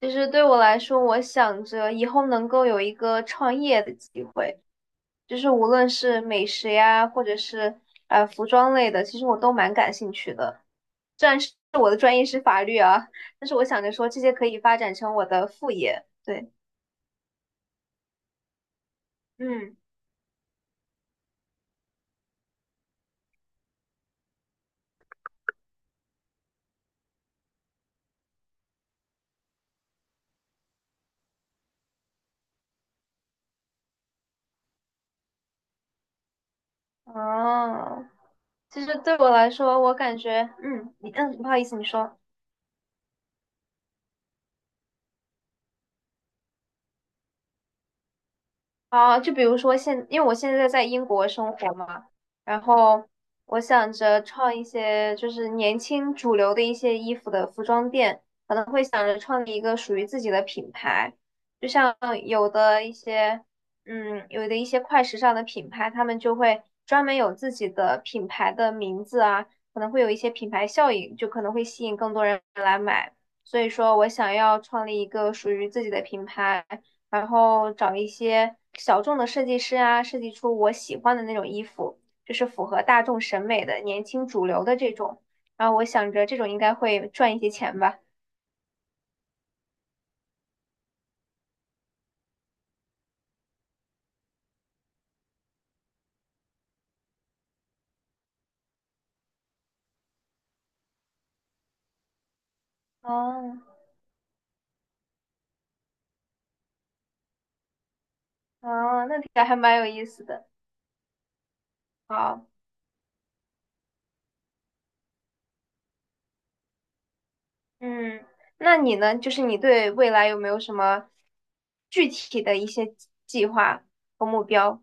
其实对我来说，我想着以后能够有一个创业的机会，就是无论是美食呀，或者是服装类的，其实我都蛮感兴趣的。虽然是我的专业是法律啊，但是我想着说这些可以发展成我的副业。对，嗯，哦，其实对我来说，我感觉，嗯，你嗯，不好意思，你说。啊，就比如说现，因为我现在在英国生活嘛，然后我想着创一些就是年轻主流的一些衣服的服装店，可能会想着创立一个属于自己的品牌，就像有的一些，嗯，有的一些快时尚的品牌，他们就会专门有自己的品牌的名字啊，可能会有一些品牌效应，就可能会吸引更多人来买。所以说我想要创立一个属于自己的品牌。然后找一些小众的设计师啊，设计出我喜欢的那种衣服，就是符合大众审美的、年轻主流的这种。然后我想着这种应该会赚一些钱吧。哦，哦，那听起来还蛮有意思的。好，嗯，那你呢？就是你对未来有没有什么具体的一些计划和目标？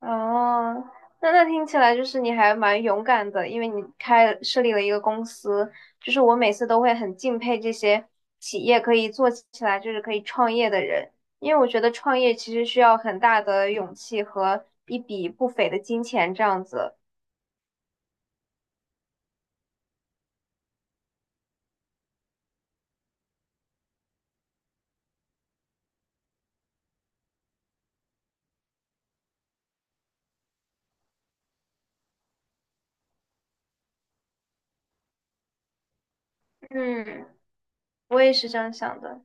哦，那那听起来就是你还蛮勇敢的，因为你开设立了一个公司，就是我每次都会很敬佩这些企业可以做起来，就是可以创业的人，因为我觉得创业其实需要很大的勇气和一笔不菲的金钱这样子。嗯，我也是这样想的。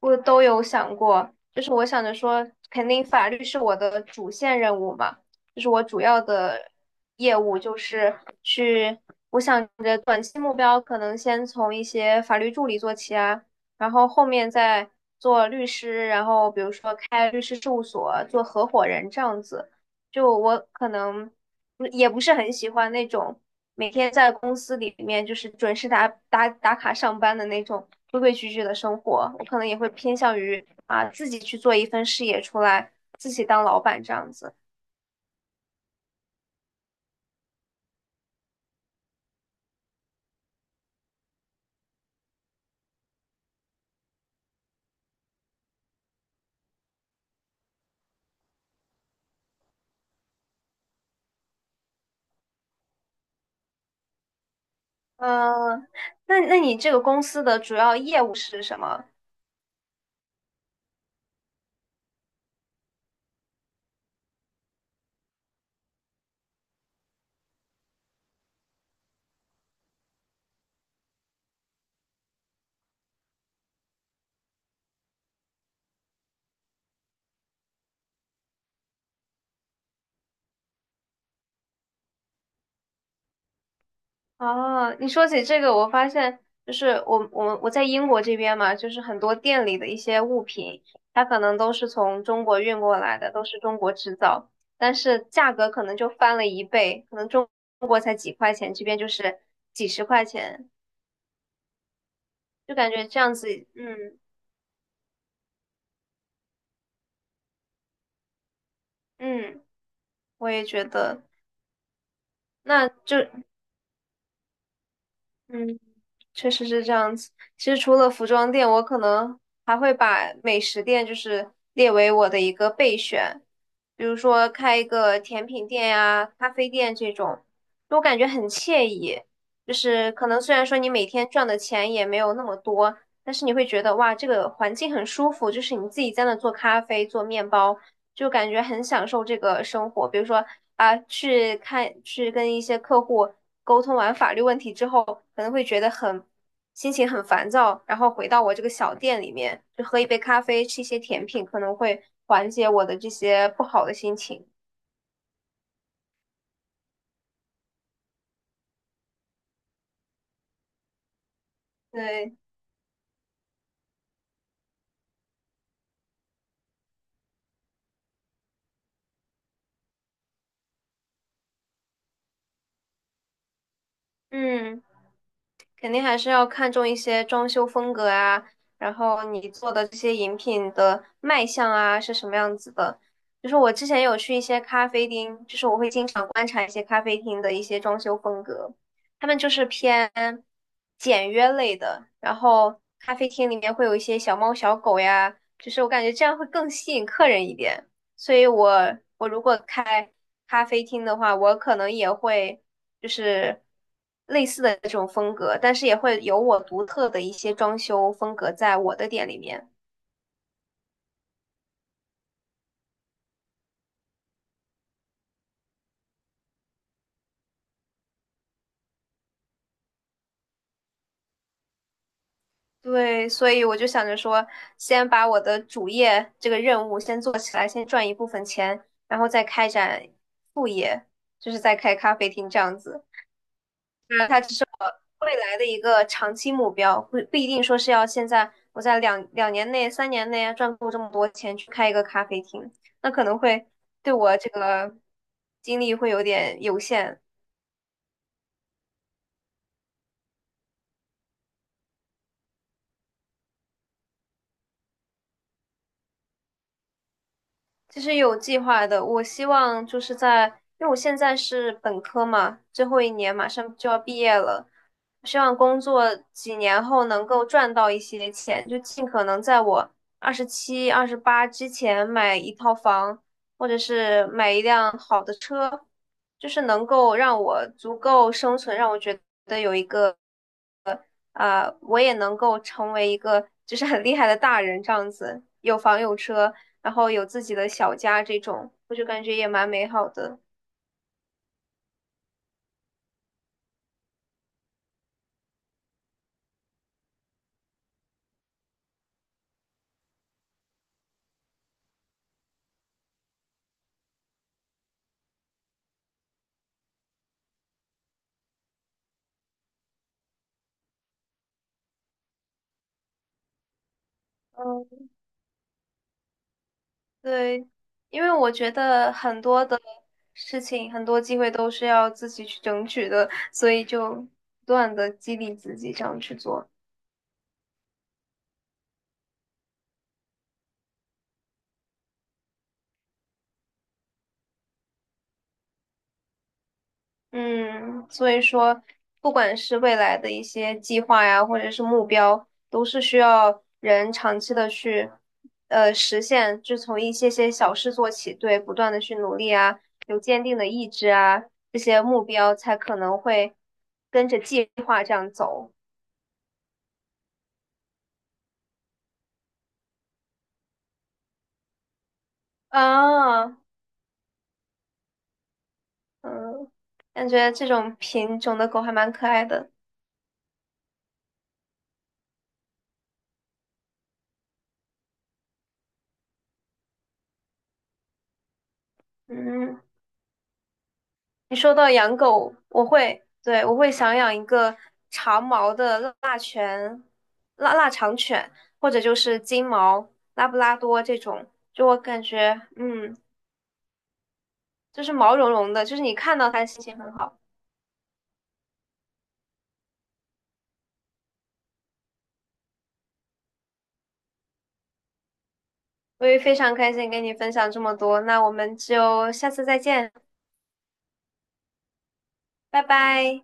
我都有想过，就是我想着说，肯定法律是我的主线任务嘛，就是我主要的业务就是去，我想着短期目标可能先从一些法律助理做起啊，然后后面再做律师，然后比如说开律师事务所，做合伙人这样子，就我可能。不也不是很喜欢那种每天在公司里面就是准时打卡上班的那种规规矩矩的生活，我可能也会偏向于啊自己去做一份事业出来，自己当老板这样子。嗯，那那你这个公司的主要业务是什么？哦，你说起这个，我发现就是我在英国这边嘛，就是很多店里的一些物品，它可能都是从中国运过来的，都是中国制造，但是价格可能就翻了一倍，可能中国才几块钱，这边就是几十块钱，就感觉这样子，嗯嗯，我也觉得，那就嗯，确实是这样子。其实除了服装店，我可能还会把美食店就是列为我的一个备选，比如说开一个甜品店呀、咖啡店这种，我感觉很惬意。就是可能虽然说你每天赚的钱也没有那么多，但是你会觉得哇，这个环境很舒服，就是你自己在那做咖啡、做面包，就感觉很享受这个生活。比如说啊，去看去跟一些客户沟通完法律问题之后，可能会觉得很心情很烦躁，然后回到我这个小店里面，就喝一杯咖啡，吃一些甜品，可能会缓解我的这些不好的心情。对，嗯。肯定还是要看重一些装修风格啊，然后你做的这些饮品的卖相啊是什么样子的。就是我之前有去一些咖啡厅，就是我会经常观察一些咖啡厅的一些装修风格，他们就是偏简约类的，然后咖啡厅里面会有一些小猫小狗呀，就是我感觉这样会更吸引客人一点。所以我如果开咖啡厅的话，我可能也会。就是类似的这种风格，但是也会有我独特的一些装修风格在我的店里面。对，所以我就想着说，先把我的主业这个任务先做起来，先赚一部分钱，然后再开展副业，就是再开咖啡厅这样子。那它只是我未来的一个长期目标，不一定说是要现在我在两年内、3年内啊赚够这么多钱去开一个咖啡厅，那可能会对我这个精力会有点有限。其实有计划的，我希望就是在，因为我现在是本科嘛，最后一年马上就要毕业了，我希望工作几年后能够赚到一些钱，就尽可能在我27、28之前买一套房，或者是买一辆好的车，就是能够让我足够生存，让我觉得有一个啊，我也能够成为一个就是很厉害的大人这样子，有房有车，然后有自己的小家这种，我就感觉也蛮美好的。嗯，对，因为我觉得很多的事情，很多机会都是要自己去争取的，所以就不断的激励自己这样去做。嗯，所以说，不管是未来的一些计划呀，或者是目标，都是需要人长期的去，实现，就从一些些小事做起，对，不断的去努力啊，有坚定的意志啊，这些目标才可能会跟着计划这样走啊，嗯，感觉这种品种的狗还蛮可爱的，嗯。你说到养狗，我会，对，我会想养一个长毛的腊犬、腊肠犬，或者就是金毛、拉布拉多这种。就我感觉，嗯，就是毛茸茸的，就是你看到它心情很好。我也非常开心跟你分享这么多，那我们就下次再见，拜拜。